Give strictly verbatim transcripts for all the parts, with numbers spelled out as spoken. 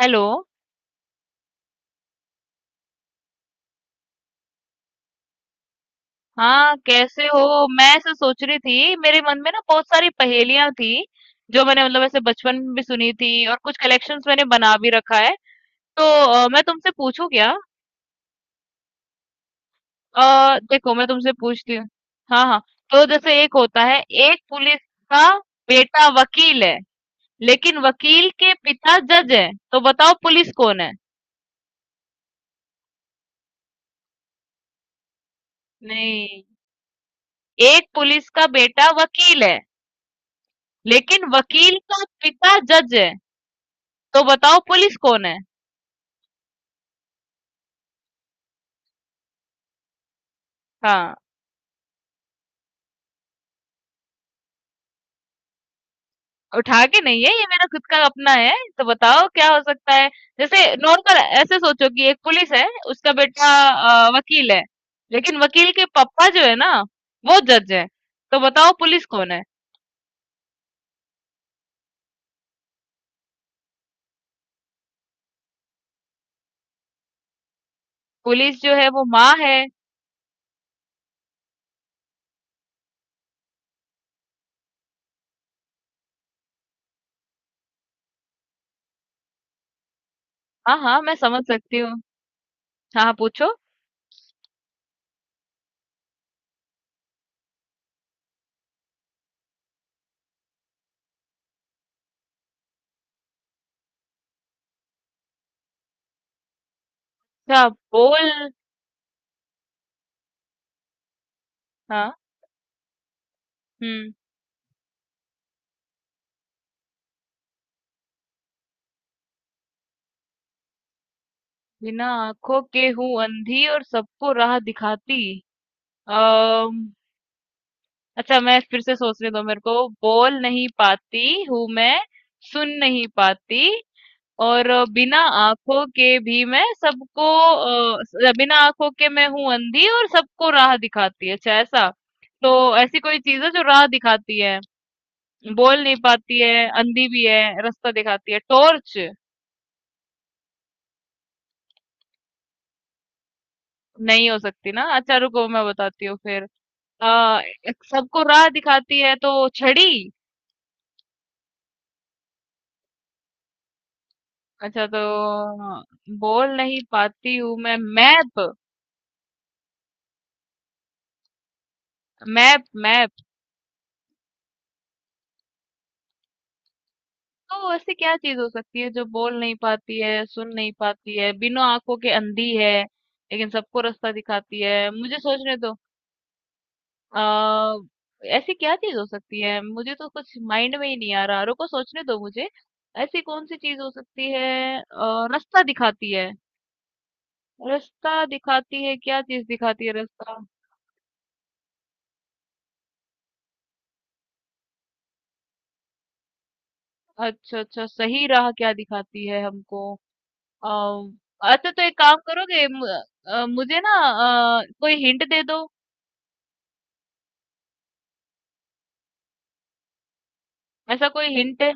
Hello. हाँ, कैसे हो? मैं ऐसे सोच रही थी, मेरे मन में ना बहुत सारी पहेलियां थी जो मैंने मतलब ऐसे बचपन में भी सुनी थी, और कुछ कलेक्शंस मैंने बना भी रखा है। तो अ, मैं तुमसे पूछूं क्या? अ, देखो, मैं तुमसे पूछती हूँ। हाँ हाँ। तो जैसे एक होता है, एक पुलिस का बेटा वकील है लेकिन वकील के पिता जज है, तो बताओ पुलिस कौन है? नहीं, एक पुलिस का बेटा वकील है लेकिन वकील का पिता जज है, तो बताओ पुलिस कौन है? हाँ। उठा के नहीं है, ये मेरा खुद का अपना है। तो बताओ क्या हो सकता है? जैसे नॉर्मल ऐसे सोचो कि एक पुलिस है, उसका बेटा अ, वकील है, लेकिन वकील के पापा जो है ना, वो जज है। तो बताओ पुलिस कौन है? पुलिस जो है वो माँ है। हाँ हाँ, मैं समझ सकती हूँ। हाँ हाँ, पूछो। क्या बोल? हाँ। हम्म। बिना आंखों के हूँ अंधी और सबको राह दिखाती। अच्छा, मैं फिर से सोचने दो मेरे को। बोल नहीं पाती हूँ मैं, सुन नहीं पाती, और बिना आंखों के भी मैं सबको, अ, बिना आंखों के मैं हूँ अंधी और सबको राह दिखाती है, अच्छा ऐसा। तो ऐसी कोई चीज है जो राह दिखाती है, बोल नहीं पाती है, अंधी भी है, रास्ता दिखाती है। टॉर्च? नहीं हो सकती ना। अच्छा रुको, मैं बताती हूँ फिर। आ, सबको राह दिखाती है, तो छड़ी? अच्छा तो बोल नहीं पाती हूँ मैं। मैप? Map map? तो ऐसी क्या चीज हो सकती है जो बोल नहीं पाती है, सुन नहीं पाती है, बिना आंखों के अंधी है, लेकिन सबको रास्ता दिखाती है? मुझे सोचने दो। आ, ऐसी क्या चीज हो सकती है, मुझे तो कुछ माइंड में ही नहीं आ रहा। रुको, सोचने दो मुझे। ऐसी कौन सी चीज हो सकती है? अ, रास्ता दिखाती है। रास्ता दिखाती है, क्या चीज दिखाती है रास्ता? अच्छा अच्छा, सही राह क्या दिखाती है हमको? अम, अच्छा, तो एक काम करोगे मु- अ, मुझे ना, अ, कोई हिंट दे दो। ऐसा कोई हिंट है?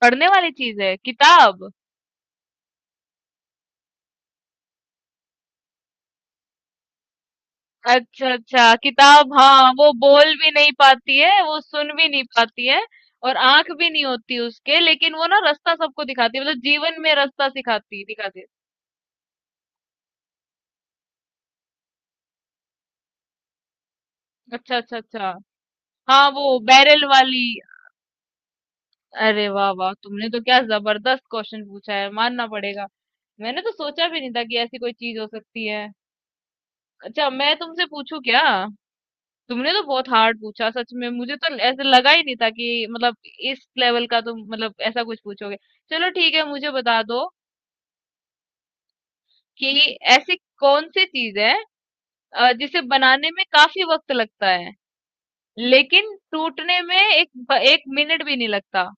पढ़ने वाली चीज है? किताब? अच्छा अच्छा, किताब। हाँ, वो बोल भी नहीं पाती है, वो सुन भी नहीं पाती है, और आंख भी नहीं होती उसके, लेकिन वो ना रास्ता सबको दिखाती है, मतलब जीवन में रास्ता सिखाती दिखाती है। अच्छा अच्छा अच्छा। हाँ, वो बैरल वाली। अरे वाह वाह, तुमने तो क्या जबरदस्त क्वेश्चन पूछा है, मानना पड़ेगा। मैंने तो सोचा भी नहीं था कि ऐसी कोई चीज हो सकती है। अच्छा, मैं तुमसे पूछूं क्या? तुमने तो बहुत हार्ड पूछा, सच में मुझे तो ऐसे लगा ही नहीं था कि मतलब इस लेवल का तुम मतलब ऐसा कुछ पूछोगे। चलो ठीक है, मुझे बता दो कि ऐसी कौन सी चीज है अ, जिसे बनाने में काफी वक्त लगता है, लेकिन टूटने में एक एक मिनट भी नहीं लगता।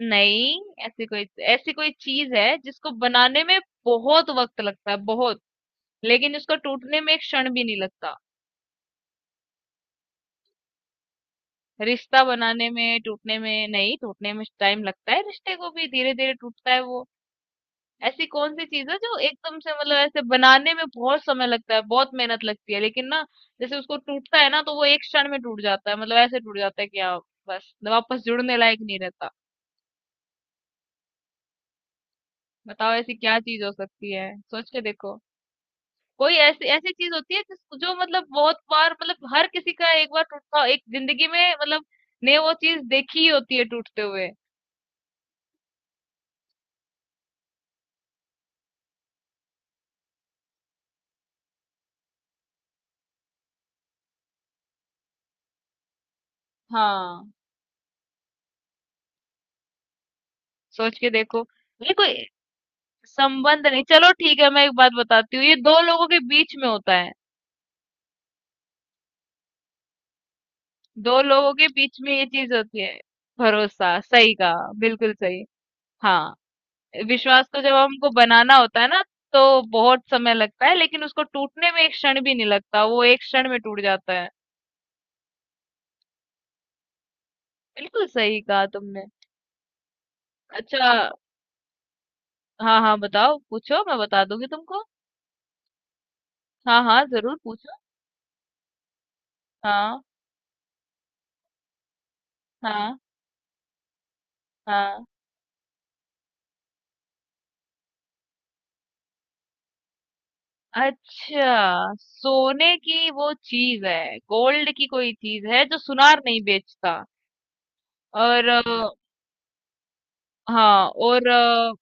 नहीं। ऐसी कोई, ऐसी कोई चीज है जिसको बनाने में बहुत वक्त लगता है, बहुत, लेकिन इसको टूटने में एक क्षण भी नहीं लगता। रिश्ता बनाने में, टूटने में नहीं, टूटने में टाइम लगता है, रिश्ते को भी धीरे धीरे टूटता है वो। ऐसी कौन सी चीज है जो एकदम से मतलब ऐसे बनाने में बहुत समय लगता है, बहुत मेहनत लगती है, लेकिन ना, जैसे उसको टूटता है ना तो वो एक क्षण में टूट जाता है, मतलब ऐसे टूट जाता है कि आप बस मतलब वापस जुड़ने लायक नहीं रहता। बताओ ऐसी क्या चीज हो सकती है, सोच के देखो। कोई ऐसी ऐसी चीज होती है जिस जो मतलब बहुत बार मतलब हर किसी का एक बार टूटता एक जिंदगी में मतलब ने वो चीज देखी ही होती है टूटते हुए। हाँ, सोच के देखो। ये कोई संबंध नहीं, चलो ठीक है मैं एक बात बताती हूँ, ये दो लोगों के बीच में होता है। दो लोगों के बीच में ये चीज होती है। भरोसा, सही कहा, बिल्कुल सही। हाँ। विश्वास को जब हमको बनाना होता है ना, तो बहुत समय लगता है, लेकिन उसको टूटने में एक क्षण भी नहीं लगता, वो एक क्षण में टूट जाता है। बिल्कुल सही कहा तुमने। अच्छा। हाँ हाँ, बताओ पूछो, मैं बता दूंगी तुमको। हाँ हाँ, जरूर पूछो। हाँ। हाँ। हाँ। अच्छा, सोने की वो चीज है, गोल्ड की कोई चीज है जो सुनार नहीं बेचता, और अ, हाँ, और अ,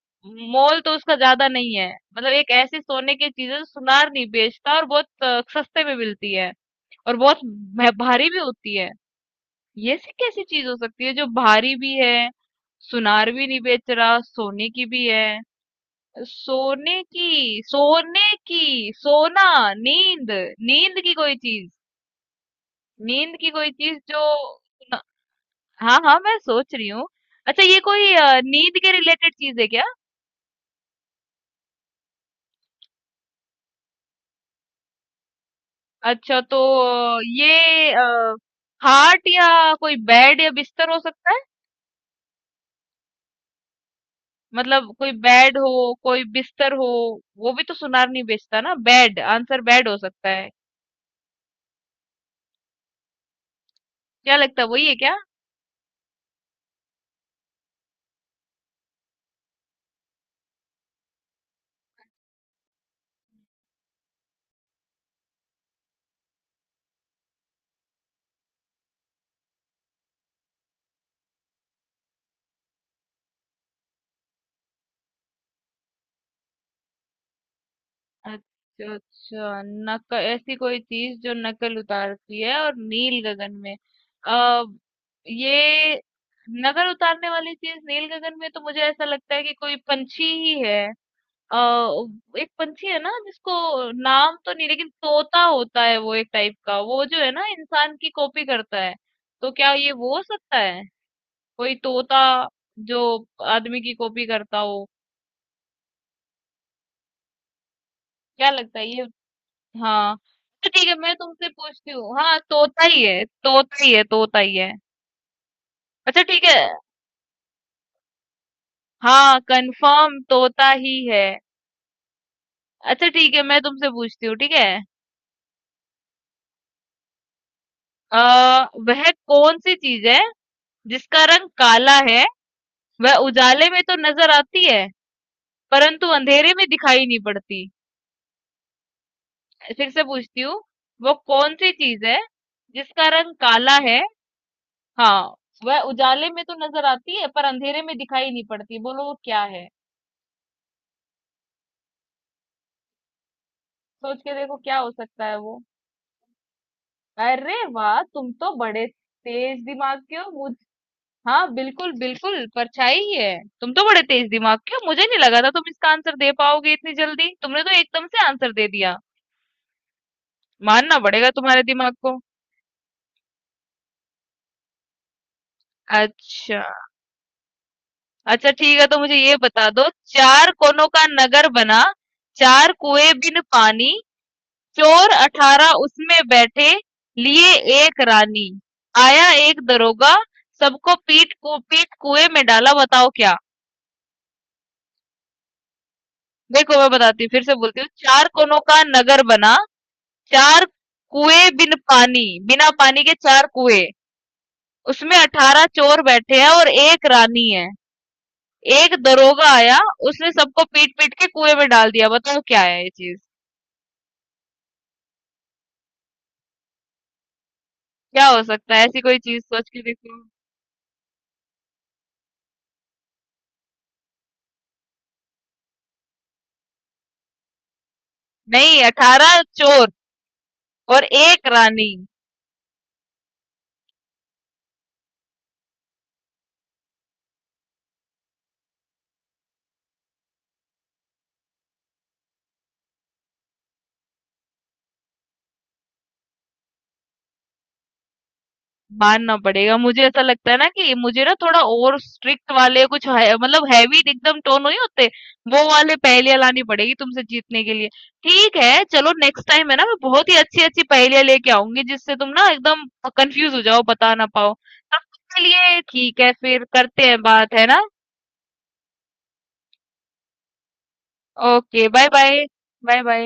मोल तो उसका ज्यादा नहीं है, मतलब एक ऐसी सोने की चीज है जो सुनार नहीं बेचता और बहुत अ, सस्ते में मिलती है, और बहुत भा- भारी भी होती है। ये सी कैसी चीज हो सकती है जो भारी भी है, सुनार भी नहीं बेच रहा, सोने की भी है? सोने की, सोने की, सोना, नींद, नींद की कोई चीज, नींद की कोई चीज जो, न- हाँ हाँ, मैं सोच रही हूँ। अच्छा, ये कोई अ, नींद के रिलेटेड चीज है क्या? अच्छा तो अ, ये खाट या कोई बेड या बिस्तर हो सकता है, मतलब कोई बेड हो कोई बिस्तर हो। वो भी तो सुनार नहीं बेचता ना। बेड? आंसर बेड हो सकता है, क्या लगता है वही है क्या? अच्छा अच्छा। नक ऐसी कोई चीज जो नकल उतारती है और नील गगन में, आ, ये नकल उतारने वाली चीज नील गगन में, तो मुझे ऐसा लगता है कि कोई पंछी ही है। आ, एक पंछी है ना जिसको नाम तो नहीं, लेकिन तोता होता है वो, एक टाइप का वो जो है ना, इंसान की कॉपी करता है। तो क्या ये वो हो सकता है, कोई तोता जो आदमी की कॉपी करता हो? क्या लगता है ये? हाँ। तो ठीक है मैं तुमसे पूछती हूँ। हाँ, तोता ही है, तोता ही है, तोता ही है। अच्छा ठीक है। हाँ, कंफर्म तोता ही है। अच्छा ठीक है, मैं तुमसे पूछती हूँ। ठीक है। आ, वह कौन सी चीज है जिसका रंग काला है, वह उजाले में तो नजर आती है परंतु अंधेरे में दिखाई नहीं पड़ती? फिर से पूछती हूँ। वो कौन सी चीज है जिसका रंग काला है? हाँ। वह उजाले में तो नजर आती है पर अंधेरे में दिखाई नहीं पड़ती, बोलो वो क्या है? सोच के देखो क्या हो सकता है वो। अरे वाह, तुम तो बड़े तेज दिमाग के हो मुझ, हाँ बिल्कुल बिल्कुल परछाई ही है। तुम तो बड़े तेज दिमाग के हो, मुझे नहीं लगा था तुम इसका आंसर दे पाओगे इतनी जल्दी, तुमने तो एकदम से आंसर दे दिया। मानना पड़ेगा तुम्हारे दिमाग को। अच्छा अच्छा, ठीक है तो मुझे ये बता दो। चार कोनों का नगर बना, चार कुएं बिन पानी, चोर अठारह उसमें बैठे, लिए एक रानी। आया एक दरोगा, सबको पीट को पीट कुएं में डाला, बताओ क्या? देखो मैं बताती हूँ, फिर से बोलती हूँ। चार कोनों का नगर बना, चार कुएं बिन पानी, बिना पानी के चार कुएं, उसमें अठारह चोर बैठे हैं और एक रानी है, एक दरोगा आया उसने सबको पीट पीट के कुएं में डाल दिया, बताओ क्या है ये चीज? क्या हो सकता है ऐसी कोई चीज, सोच के देखो। नहीं, अठारह चोर और एक रानी। मानना पड़ेगा। मुझे ऐसा लगता है ना कि मुझे ना थोड़ा और स्ट्रिक्ट वाले कुछ है, मतलब हेवी एकदम टोन नहीं होते, वो वाले पहेलियाँ लानी पड़ेगी तुमसे जीतने के लिए। ठीक है, चलो नेक्स्ट टाइम है ना मैं बहुत ही अच्छी-अच्छी पहेलियाँ लेके आऊँगी जिससे तुम ना एकदम कंफ्यूज हो जाओ, बता ना पाओ। तब तक के लिए ठीक है, फिर करते हैं बात है ना? Okay, bye bye. Bye bye.